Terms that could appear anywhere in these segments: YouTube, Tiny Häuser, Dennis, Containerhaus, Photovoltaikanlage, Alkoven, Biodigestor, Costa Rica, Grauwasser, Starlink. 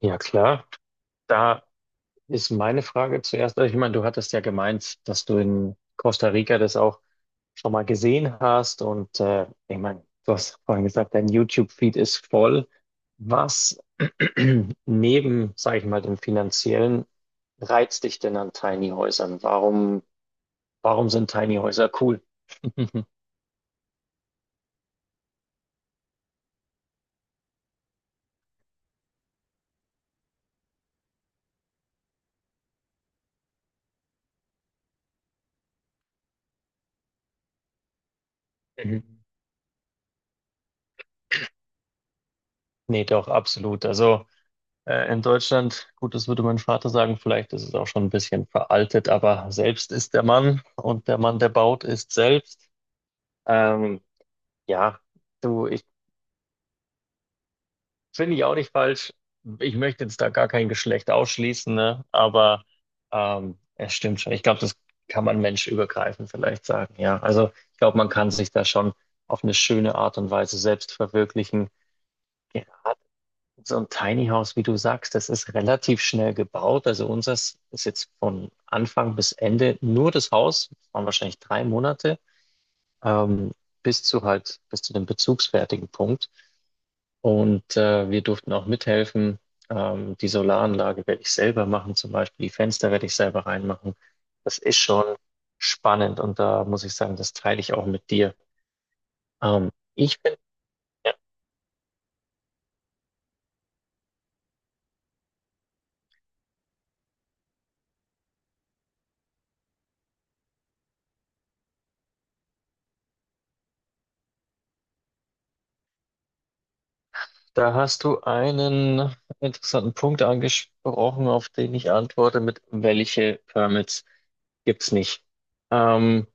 Ja, klar. Da ist meine Frage zuerst. Also, ich meine, du hattest ja gemeint, dass du in Costa Rica das auch schon mal gesehen hast. Und ich meine, du hast vorhin gesagt, dein YouTube-Feed ist voll. Was neben, sage ich mal, dem finanziellen reizt dich denn an Tiny Häusern? Warum sind Tiny Häuser cool? Mhm. Nee, doch, absolut. Also. In Deutschland, gut, das würde mein Vater sagen, vielleicht ist es auch schon ein bisschen veraltet, aber selbst ist der Mann, und der Mann, der baut, ist selbst. Ähm, ja, du, ich finde ich auch nicht falsch. Ich möchte jetzt da gar kein Geschlecht ausschließen, ne? Aber es stimmt schon. Ich glaube, das kann man menschübergreifend vielleicht sagen, ja. Also ich glaube, man kann sich da schon auf eine schöne Art und Weise selbst verwirklichen. Ja, so ein Tiny House, wie du sagst, das ist relativ schnell gebaut. Also unseres ist jetzt von Anfang bis Ende, nur das Haus, das waren wahrscheinlich 3 Monate, ähm, bis zu dem bezugsfertigen Punkt. Und wir durften auch mithelfen. Die Solaranlage werde ich selber machen, zum Beispiel die Fenster werde ich selber reinmachen. Das ist schon spannend, und da muss ich sagen, das teile ich auch mit dir. Ähm, ich bin ja, Da hast du einen interessanten Punkt angesprochen, auf den ich antworte mit: Welche Permits gibt es nicht? Ähm,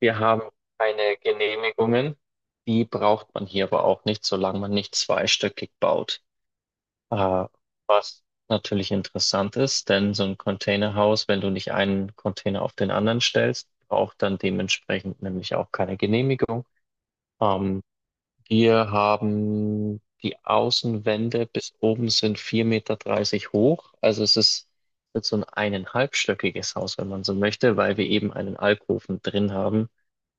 Wir haben keine Genehmigungen, die braucht man hier aber auch nicht, solange man nicht zweistöckig baut. Äh, Was natürlich interessant ist, denn so ein Containerhaus, wenn du nicht einen Container auf den anderen stellst, braucht dann dementsprechend nämlich auch keine Genehmigung. Ähm, Wir haben die Außenwände bis oben, sind 4,30 Meter hoch. Also es ist wird so ein eineinhalbstöckiges Haus, wenn man so möchte, weil wir eben einen Alkoven drin haben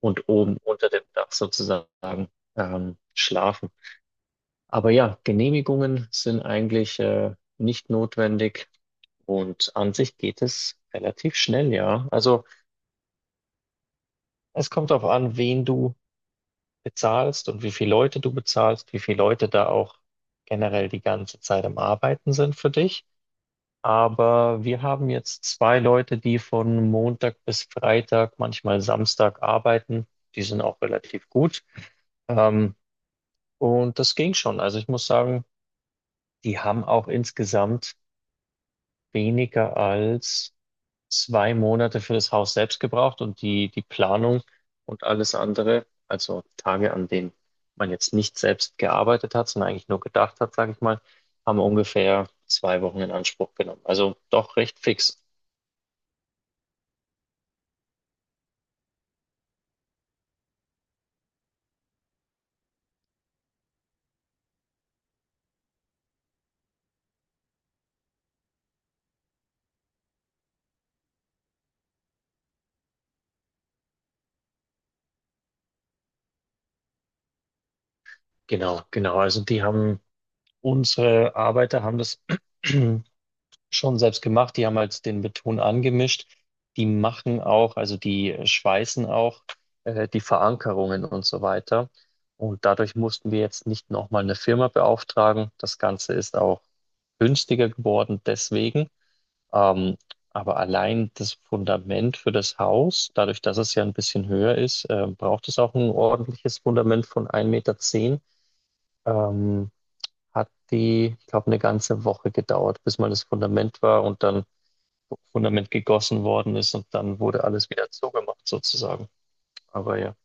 und oben unter dem Dach sozusagen schlafen. Aber ja, Genehmigungen sind eigentlich nicht notwendig, und an sich geht es relativ schnell, ja. Also es kommt darauf an, wen du bezahlst und wie viele Leute du bezahlst, wie viele Leute da auch generell die ganze Zeit am Arbeiten sind für dich. Aber wir haben jetzt zwei Leute, die von Montag bis Freitag, manchmal Samstag, arbeiten. Die sind auch relativ gut. Ähm, und das ging schon. Also ich muss sagen, die haben auch insgesamt weniger als 2 Monate für das Haus selbst gebraucht, und die Planung und alles andere, also Tage, an denen man jetzt nicht selbst gearbeitet hat, sondern eigentlich nur gedacht hat, sage ich mal, haben ungefähr 2 Wochen in Anspruch genommen. Also doch recht fix. Genau, genau. Also unsere Arbeiter haben das schon selbst gemacht. Die haben halt den Beton angemischt. Die machen auch, also die schweißen auch die Verankerungen und so weiter. Und dadurch mussten wir jetzt nicht nochmal eine Firma beauftragen. Das Ganze ist auch günstiger geworden deswegen. Ähm, aber allein das Fundament für das Haus, dadurch, dass es ja ein bisschen höher ist, braucht es auch ein ordentliches Fundament von 1,10 Meter. Ähm, hat die, ich glaube, eine ganze Woche gedauert, bis mal das Fundament war und dann Fundament gegossen worden ist, und dann wurde alles wieder zugemacht sozusagen. Aber ja.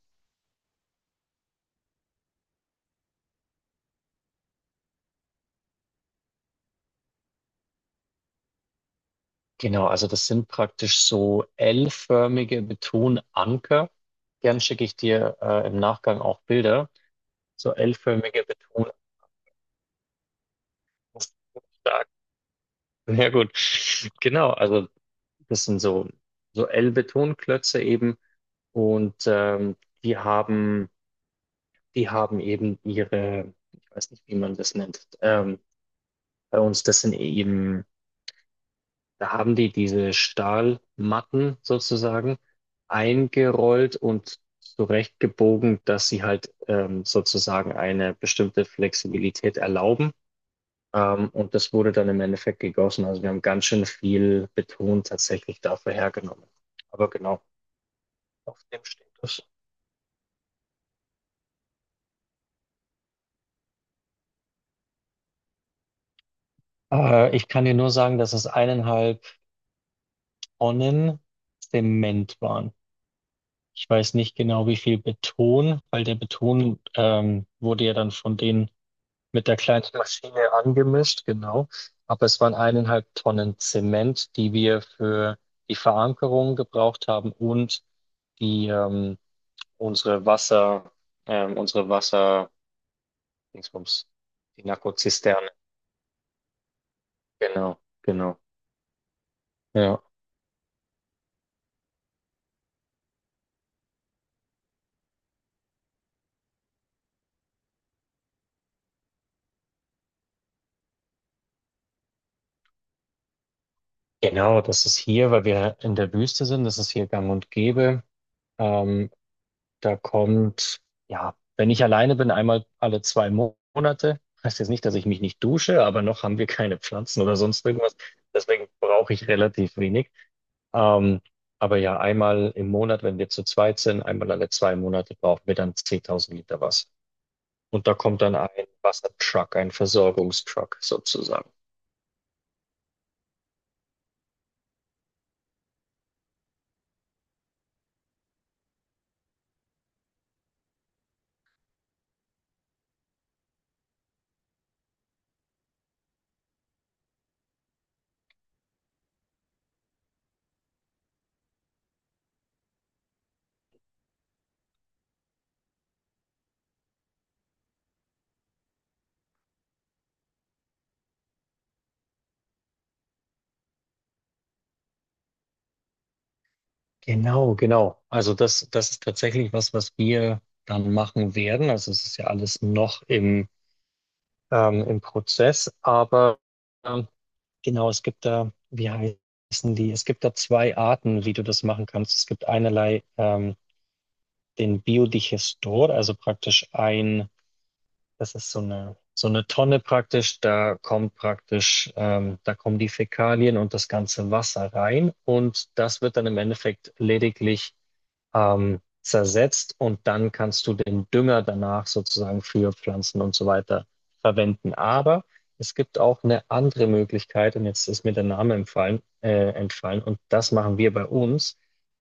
Genau, also das sind praktisch so L-förmige Betonanker. Gern schicke ich dir im Nachgang auch Bilder. So L-förmige Betonanker. Ja, gut. Genau, also das sind so L-Betonklötze eben, und die haben, die haben eben ihre, ich weiß nicht, wie man das nennt, bei uns, das sind eben da haben die diese Stahlmatten sozusagen eingerollt und zurechtgebogen, dass sie halt sozusagen eine bestimmte Flexibilität erlauben. Und das wurde dann im Endeffekt gegossen. Also wir haben ganz schön viel Beton tatsächlich dafür hergenommen. Aber genau, auf dem steht das. Ich kann dir nur sagen, dass es 1,5 Tonnen Zement waren. Ich weiß nicht genau, wie viel Beton, weil der Beton wurde ja dann von den, mit der kleinen Maschine angemischt, genau. Aber es waren 1,5 Tonnen Zement, die wir für die Verankerung gebraucht haben, und die ähm, unsere Wasser, unsere Wasser, Dingsbums, die Narkozisterne. Genau, genau. Ja. Genau, das ist hier, weil wir in der Wüste sind, das ist hier gang und gäbe. Ähm, Da kommt, ja, wenn ich alleine bin, einmal alle zwei Monate. Heißt jetzt nicht, dass ich mich nicht dusche, aber noch haben wir keine Pflanzen oder sonst irgendwas. Deswegen brauche ich relativ wenig. Ähm, aber ja, einmal im Monat, wenn wir zu zweit sind, einmal alle 2 Monate, brauchen wir dann 10.000 Liter Wasser. Und da kommt dann ein Wassertruck, ein Versorgungstruck sozusagen. Genau, genau. Also das ist tatsächlich was, was wir dann machen werden. Also es ist ja alles noch im Prozess. Aber ähm, genau, es gibt da, wie heißen die? Es gibt da zwei Arten, wie du das machen kannst. Es gibt einerlei den Biodigestor, also praktisch das ist so eine, Tonne praktisch, da kommen die Fäkalien und das ganze Wasser rein, und das wird dann im Endeffekt lediglich zersetzt, und dann kannst du den Dünger danach sozusagen für Pflanzen und so weiter verwenden. Aber es gibt auch eine andere Möglichkeit, und jetzt ist mir der Name entfallen, und das machen wir bei uns.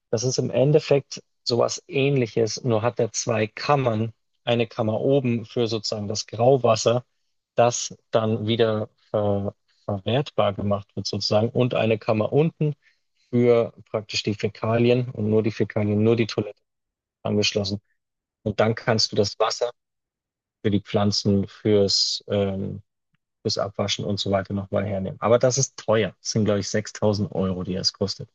Das ist im Endeffekt sowas Ähnliches, nur hat er zwei Kammern. Eine Kammer oben für sozusagen das Grauwasser, das dann wieder verwertbar gemacht wird sozusagen, und eine Kammer unten für praktisch die Fäkalien, und nur die Fäkalien, nur die Toilette angeschlossen. Und dann kannst du das Wasser für die Pflanzen, fürs Abwaschen und so weiter nochmal hernehmen. Aber das ist teuer. Das sind, glaube ich, 6.000 Euro, die das kostet.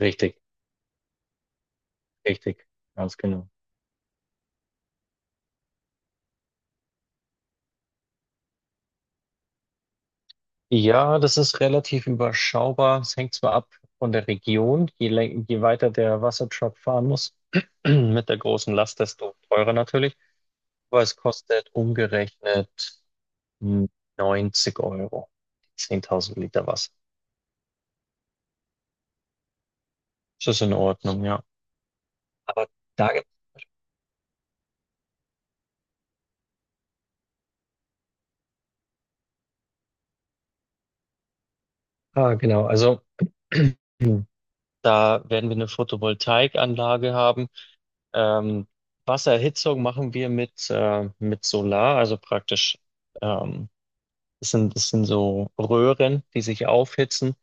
Richtig, richtig, ganz genau. Ja, das ist relativ überschaubar. Es hängt zwar ab von der Region. Je weiter der Wassertruck fahren muss, mit der großen Last, desto teurer natürlich. Aber es kostet umgerechnet Hm, 90 Euro. 10.000 Liter Wasser. Das ist in Ordnung, ja. Aber da, genau, also da werden wir eine Photovoltaikanlage haben. Ähm, Wassererhitzung machen wir mit Solar, also praktisch, ähm, das sind so Röhren, die sich aufhitzen,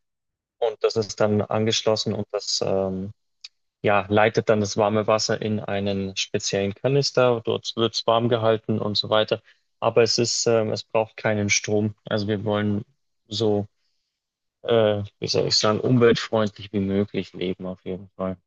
und das ist dann angeschlossen, und das, ja, leitet dann das warme Wasser in einen speziellen Kanister, dort wird es warm gehalten und so weiter. Aber es braucht keinen Strom. Also wir wollen so, wie soll ich sagen, umweltfreundlich wie möglich leben auf jeden Fall.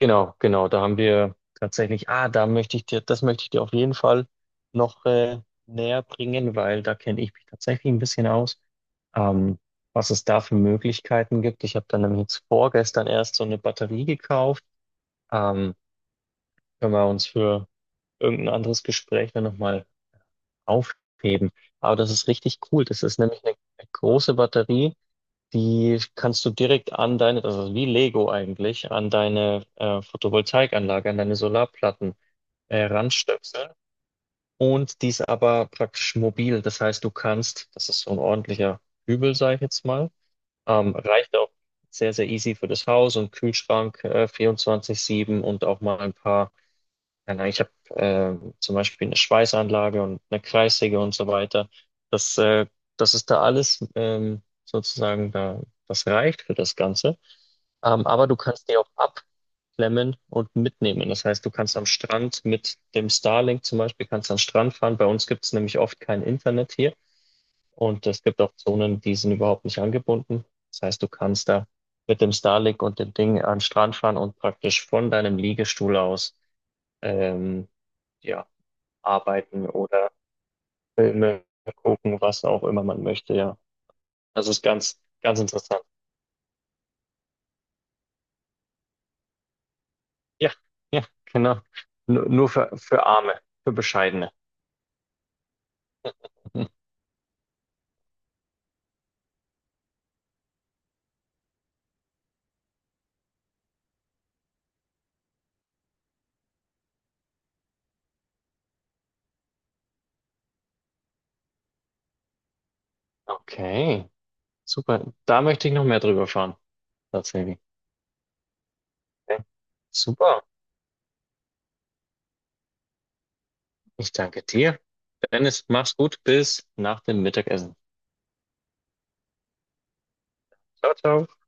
Genau, genau, da haben wir tatsächlich, da möchte ich dir, das möchte ich dir auf jeden Fall noch näher bringen, weil da kenne ich mich tatsächlich ein bisschen aus. Ähm, Was es da für Möglichkeiten gibt. Ich habe dann nämlich jetzt vorgestern erst so eine Batterie gekauft. Ähm, Können wir uns für irgendein anderes Gespräch dann nochmal aufheben. Aber das ist richtig cool. Das ist nämlich eine große Batterie, die kannst du direkt an deine, also wie Lego eigentlich, an deine Photovoltaikanlage, an deine Solarplatten ranstöpseln. Und die ist aber praktisch mobil. Das heißt, du kannst, das ist so ein ordentlicher Übel, sage ich jetzt mal, reicht auch sehr, sehr easy für das Haus und Kühlschrank 24/7, und auch mal ein paar, keine Ahnung, ich habe zum Beispiel eine Schweißanlage und eine Kreissäge und so weiter. Das, äh, das ist da alles sozusagen da, das reicht für das Ganze. Aber du kannst die auch abklemmen und mitnehmen. Das heißt, du kannst am Strand mit dem Starlink, zum Beispiel, kannst am Strand fahren. Bei uns gibt es nämlich oft kein Internet hier, und es gibt auch Zonen, die sind überhaupt nicht angebunden. Das heißt, du kannst da mit dem Starlink und dem Ding an den Strand fahren und praktisch von deinem Liegestuhl aus ähm, ja, arbeiten oder Filme gucken, was auch immer man möchte, ja. Das ist ganz, ganz interessant. Ja, ja, genau. Nur für Arme, für Bescheidene. Okay, super. Da möchte ich noch mehr drüber fahren, tatsächlich. Okay. Super. Ich danke dir. Dennis, mach's gut. Bis nach dem Mittagessen. Ciao, ciao.